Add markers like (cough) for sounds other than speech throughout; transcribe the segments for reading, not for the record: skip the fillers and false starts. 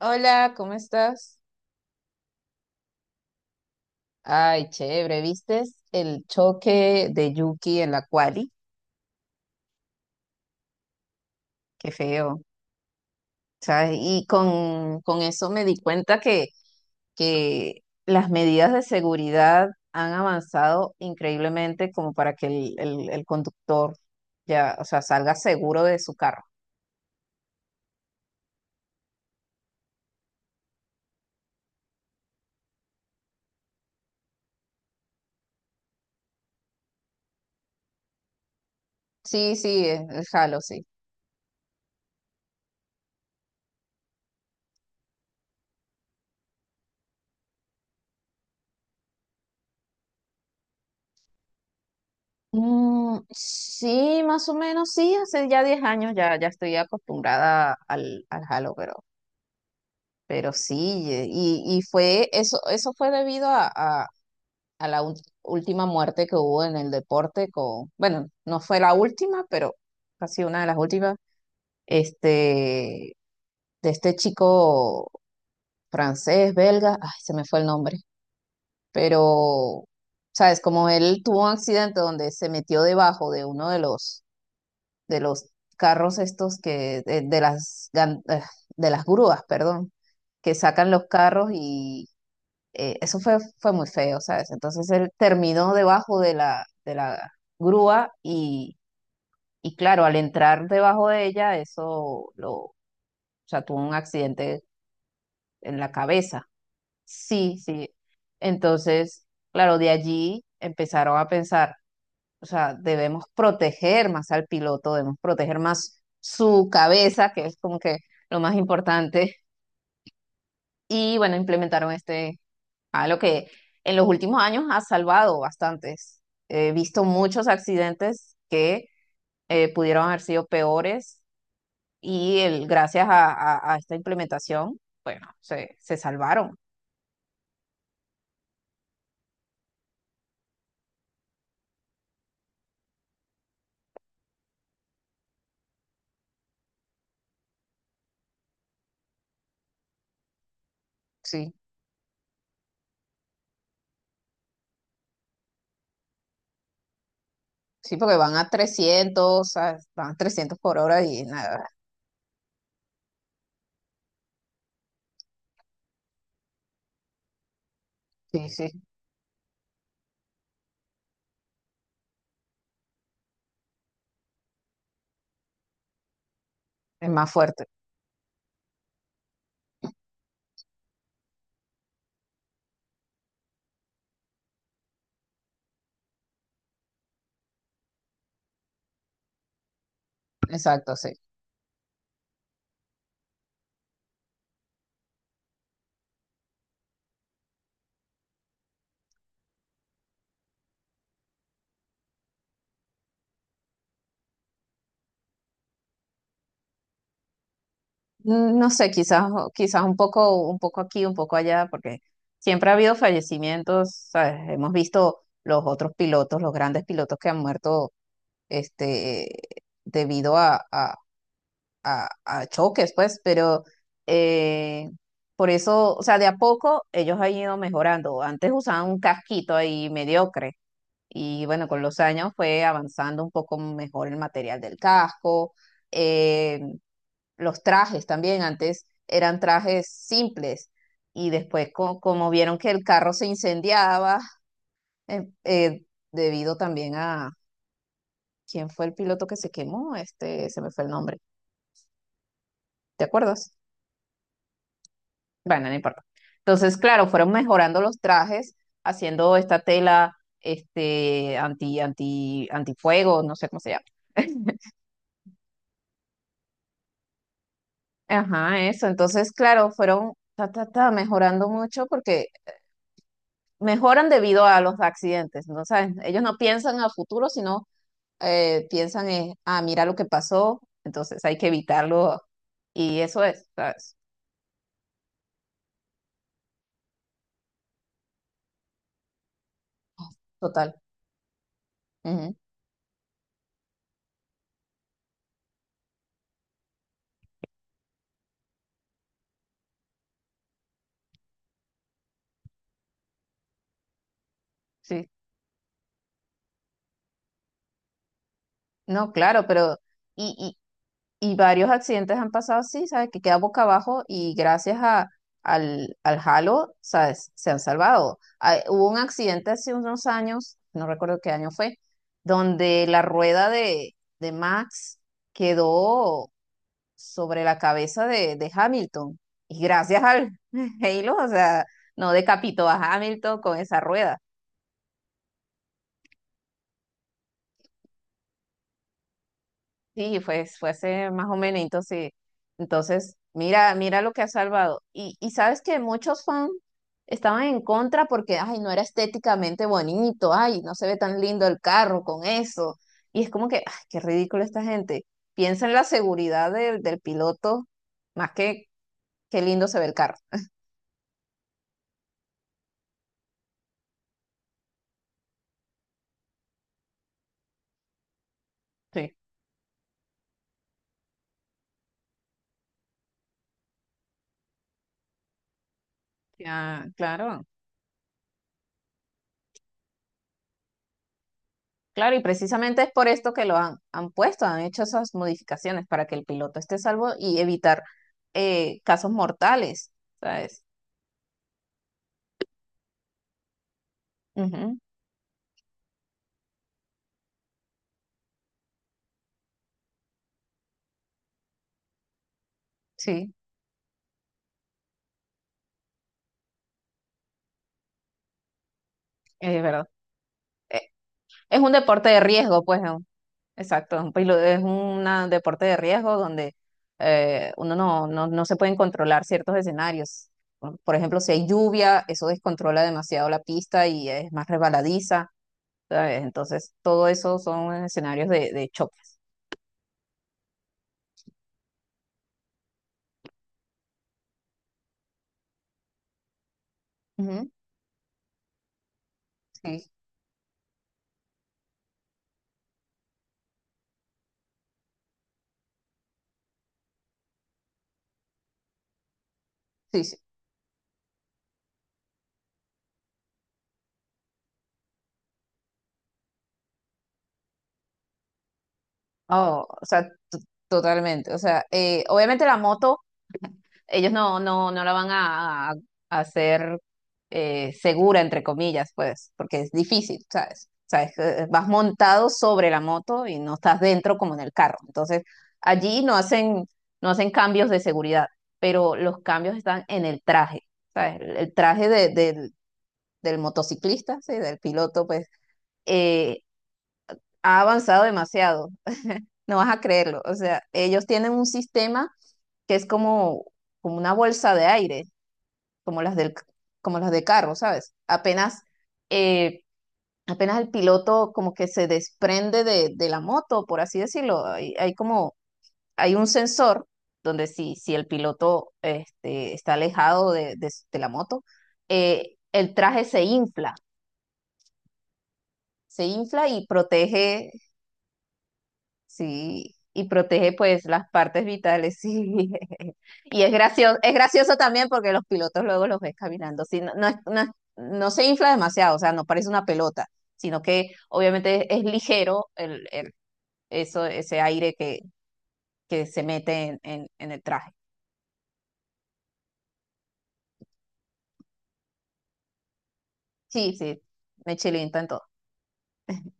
Hola, ¿cómo estás? Ay, chévere, ¿vistes el choque de Yuki en la quali? Qué feo. ¿Sabes? Y con eso me di cuenta que las medidas de seguridad han avanzado increíblemente como para que el conductor ya, o sea, salga seguro de su carro. Sí, sí, el Halo, sí. Mm, sí, más o menos, sí, hace ya 10 años ya, ya estoy acostumbrada al Halo, pero sí, y fue eso, eso fue debido a la última muerte que hubo en el deporte con, bueno, no fue la última, pero casi una de las últimas, este, de este chico francés, belga, ay, se me fue el nombre, pero, sabes, como él tuvo un accidente donde se metió debajo de uno de los carros estos que, de las, de las grúas, perdón, que sacan los carros y eso fue muy feo, ¿sabes? Entonces él terminó debajo de la grúa y claro, al entrar debajo de ella, o sea, tuvo un accidente en la cabeza. Sí, sí. Entonces, claro, de allí empezaron a pensar, o sea, debemos proteger más al piloto, debemos proteger más su cabeza, que es como que lo más importante. Y bueno, implementaron algo que en los últimos años ha salvado bastantes. He visto muchos accidentes que pudieron haber sido peores y el, gracias a esta implementación, bueno, se salvaron. Sí, sí, porque van a 300 por hora y nada. Sí, sí, es más fuerte. Exacto, sí. Mm, no sé, quizás, quizás un poco aquí, un poco allá, porque siempre ha habido fallecimientos, ¿sabes? Hemos visto los otros pilotos, los grandes pilotos que han muerto, este, debido a choques, pues, pero eh, por eso, o sea, de a poco ellos han ido mejorando. Antes usaban un casquito ahí mediocre y bueno, con los años fue avanzando un poco mejor el material del casco. eh, los trajes también, antes eran trajes simples y después como vieron que el carro se incendiaba, eh, eh, debido también a, ¿quién fue el piloto que se quemó? Se me fue el nombre, ¿te acuerdas? Bueno, no importa. Entonces, claro, fueron mejorando los trajes, haciendo esta tela, este, anti, anti, antifuego, no sé cómo se llama. (laughs) Ajá, eso. Entonces, claro, fueron mejorando mucho porque mejoran debido a los accidentes, ¿no? O ellos no piensan a futuro, sino piensan en, ah, mira lo que pasó, entonces hay que evitarlo. Y eso es, ¿sabes? Total. Ujú, sí. No, claro, pero. Y, y varios accidentes han pasado así, ¿sabes? Que queda boca abajo y gracias al halo, ¿sabes? Se han salvado. Ah, hubo un accidente hace unos años, no recuerdo qué año fue, donde la rueda de Max quedó sobre la cabeza de Hamilton. Y gracias al (laughs) Halo, o sea, no decapitó a Hamilton con esa rueda. Sí, fue ese más o menos. Entonces mira, mira lo que ha salvado. Y sabes que muchos fans estaban en contra porque, ay, no era estéticamente bonito, ay, no se ve tan lindo el carro con eso. Y es como que, ay, qué ridículo esta gente. Piensa en la seguridad del piloto más que qué lindo se ve el carro. Sí, ya, claro. Claro, y precisamente es por esto que lo han puesto, han hecho esas modificaciones para que el piloto esté salvo y evitar casos mortales, ¿sabes? Ujú, sí, es verdad. Eh, es un deporte de riesgo, pues, ¿no? Exacto, es un deporte de riesgo donde uno no se pueden controlar ciertos escenarios. Por ejemplo, si hay lluvia, eso descontrola demasiado la pista y es más resbaladiza, ¿sabes? Entonces, todo eso son escenarios de choques. Ujú, sí. Sí, sí. Oh, o sea, totalmente. O sea, obviamente la moto, ellos no la van a hacer segura, entre comillas, pues, porque es difícil, ¿sabes? O sea, vas montado sobre la moto y no estás dentro como en el carro. Entonces, allí no hacen cambios de seguridad, pero los cambios están en el traje, ¿sabes? El traje del motociclista, ¿sí? Del piloto, pues, eh, ha avanzado demasiado. No vas a creerlo. O sea, ellos tienen un sistema que es como, como una bolsa de aire, como las del, como las de carro, ¿sabes? Eh, apenas el piloto como que se desprende de la moto, por así decirlo. Hay un sensor donde si el piloto está alejado de la moto, el traje se infla y protege. Sí, y protege pues las partes vitales, sí. (laughs) Y es gracioso también porque los pilotos luego los ves caminando, sí, no, no, no, no se infla demasiado, o sea, no parece una pelota, sino que obviamente es ligero eso, ese aire que se mete en el traje. Sí, sí, me chilienta en todo. (laughs)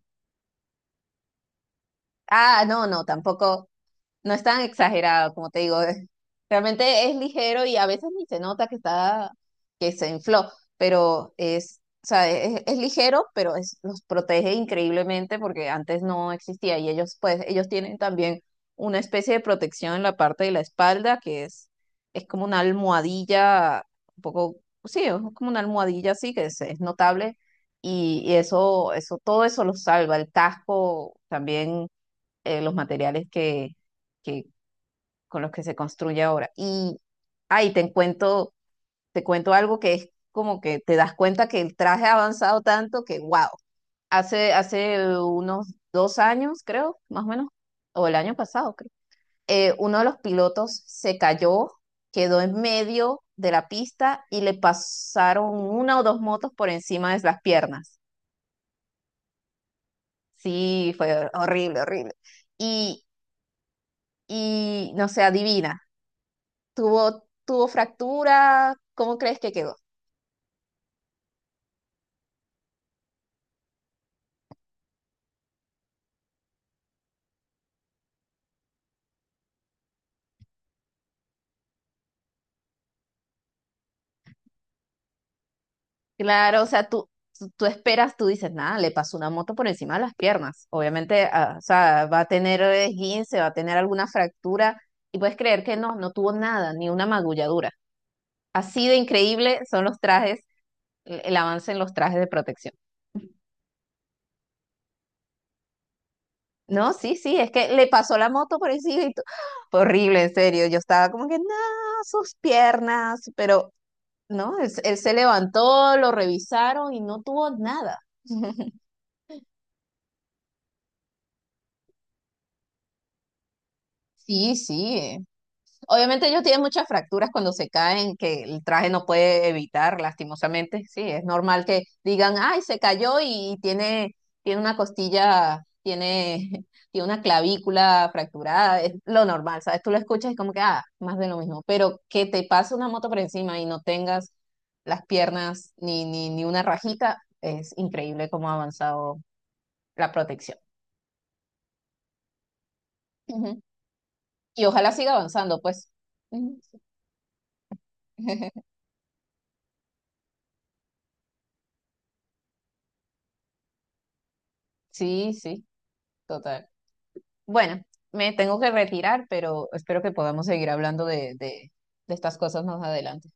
Ah, no, no, tampoco. No es tan exagerado, como te digo. Realmente es ligero y a veces ni se nota que está, que se infló, pero es, o sea, es ligero, pero los protege increíblemente porque antes no existía y ellos, pues, ellos tienen también una especie de protección en la parte de la espalda que es como una almohadilla, un poco, sí, es como una almohadilla así que es notable y todo eso los salva. El casco también los materiales que- con los que se construye ahora. Y ahí te cuento algo que es como que te das cuenta que el traje ha avanzado tanto que, wow, hace unos 2 años, creo, más o menos, o el año pasado, creo, uno de los pilotos se cayó, quedó en medio de la pista y le pasaron una o dos motos por encima de las piernas. Sí, fue horrible, horrible. Y, y no sé, adivina, tuvo fractura, ¿cómo crees que quedó? Claro, o sea, tú esperas, tú dices, nada, le pasó una moto por encima de las piernas. Obviamente, ah, o sea, va a tener esguince, va a tener alguna fractura, y puedes creer que no, no tuvo nada, ni una magulladura. Así de increíble son los trajes, el avance en los trajes de protección. No, sí, sí, es que le pasó la moto por encima y ¡ah! Fue horrible, en serio. Yo estaba como que, no, sus piernas, pero ¿no? Él se levantó, lo revisaron y no tuvo nada. (laughs) Sí, sí. Obviamente ellos tienen muchas fracturas cuando se caen, que el traje no puede evitar, lastimosamente. Sí, es normal que digan, ay, se cayó y tiene, tiene una costilla, tiene, (laughs) tiene una clavícula fracturada. Es lo normal, ¿sabes? Tú lo escuchas y como que, ah, más de lo mismo. Pero que te pase una moto por encima y no tengas las piernas ni una rajita, es increíble cómo ha avanzado la protección. Ujú. Y ojalá siga avanzando, pues. Ujú. (laughs) Sí, sí, total. Bueno, me tengo que retirar, pero espero que podamos seguir hablando de estas cosas más adelante.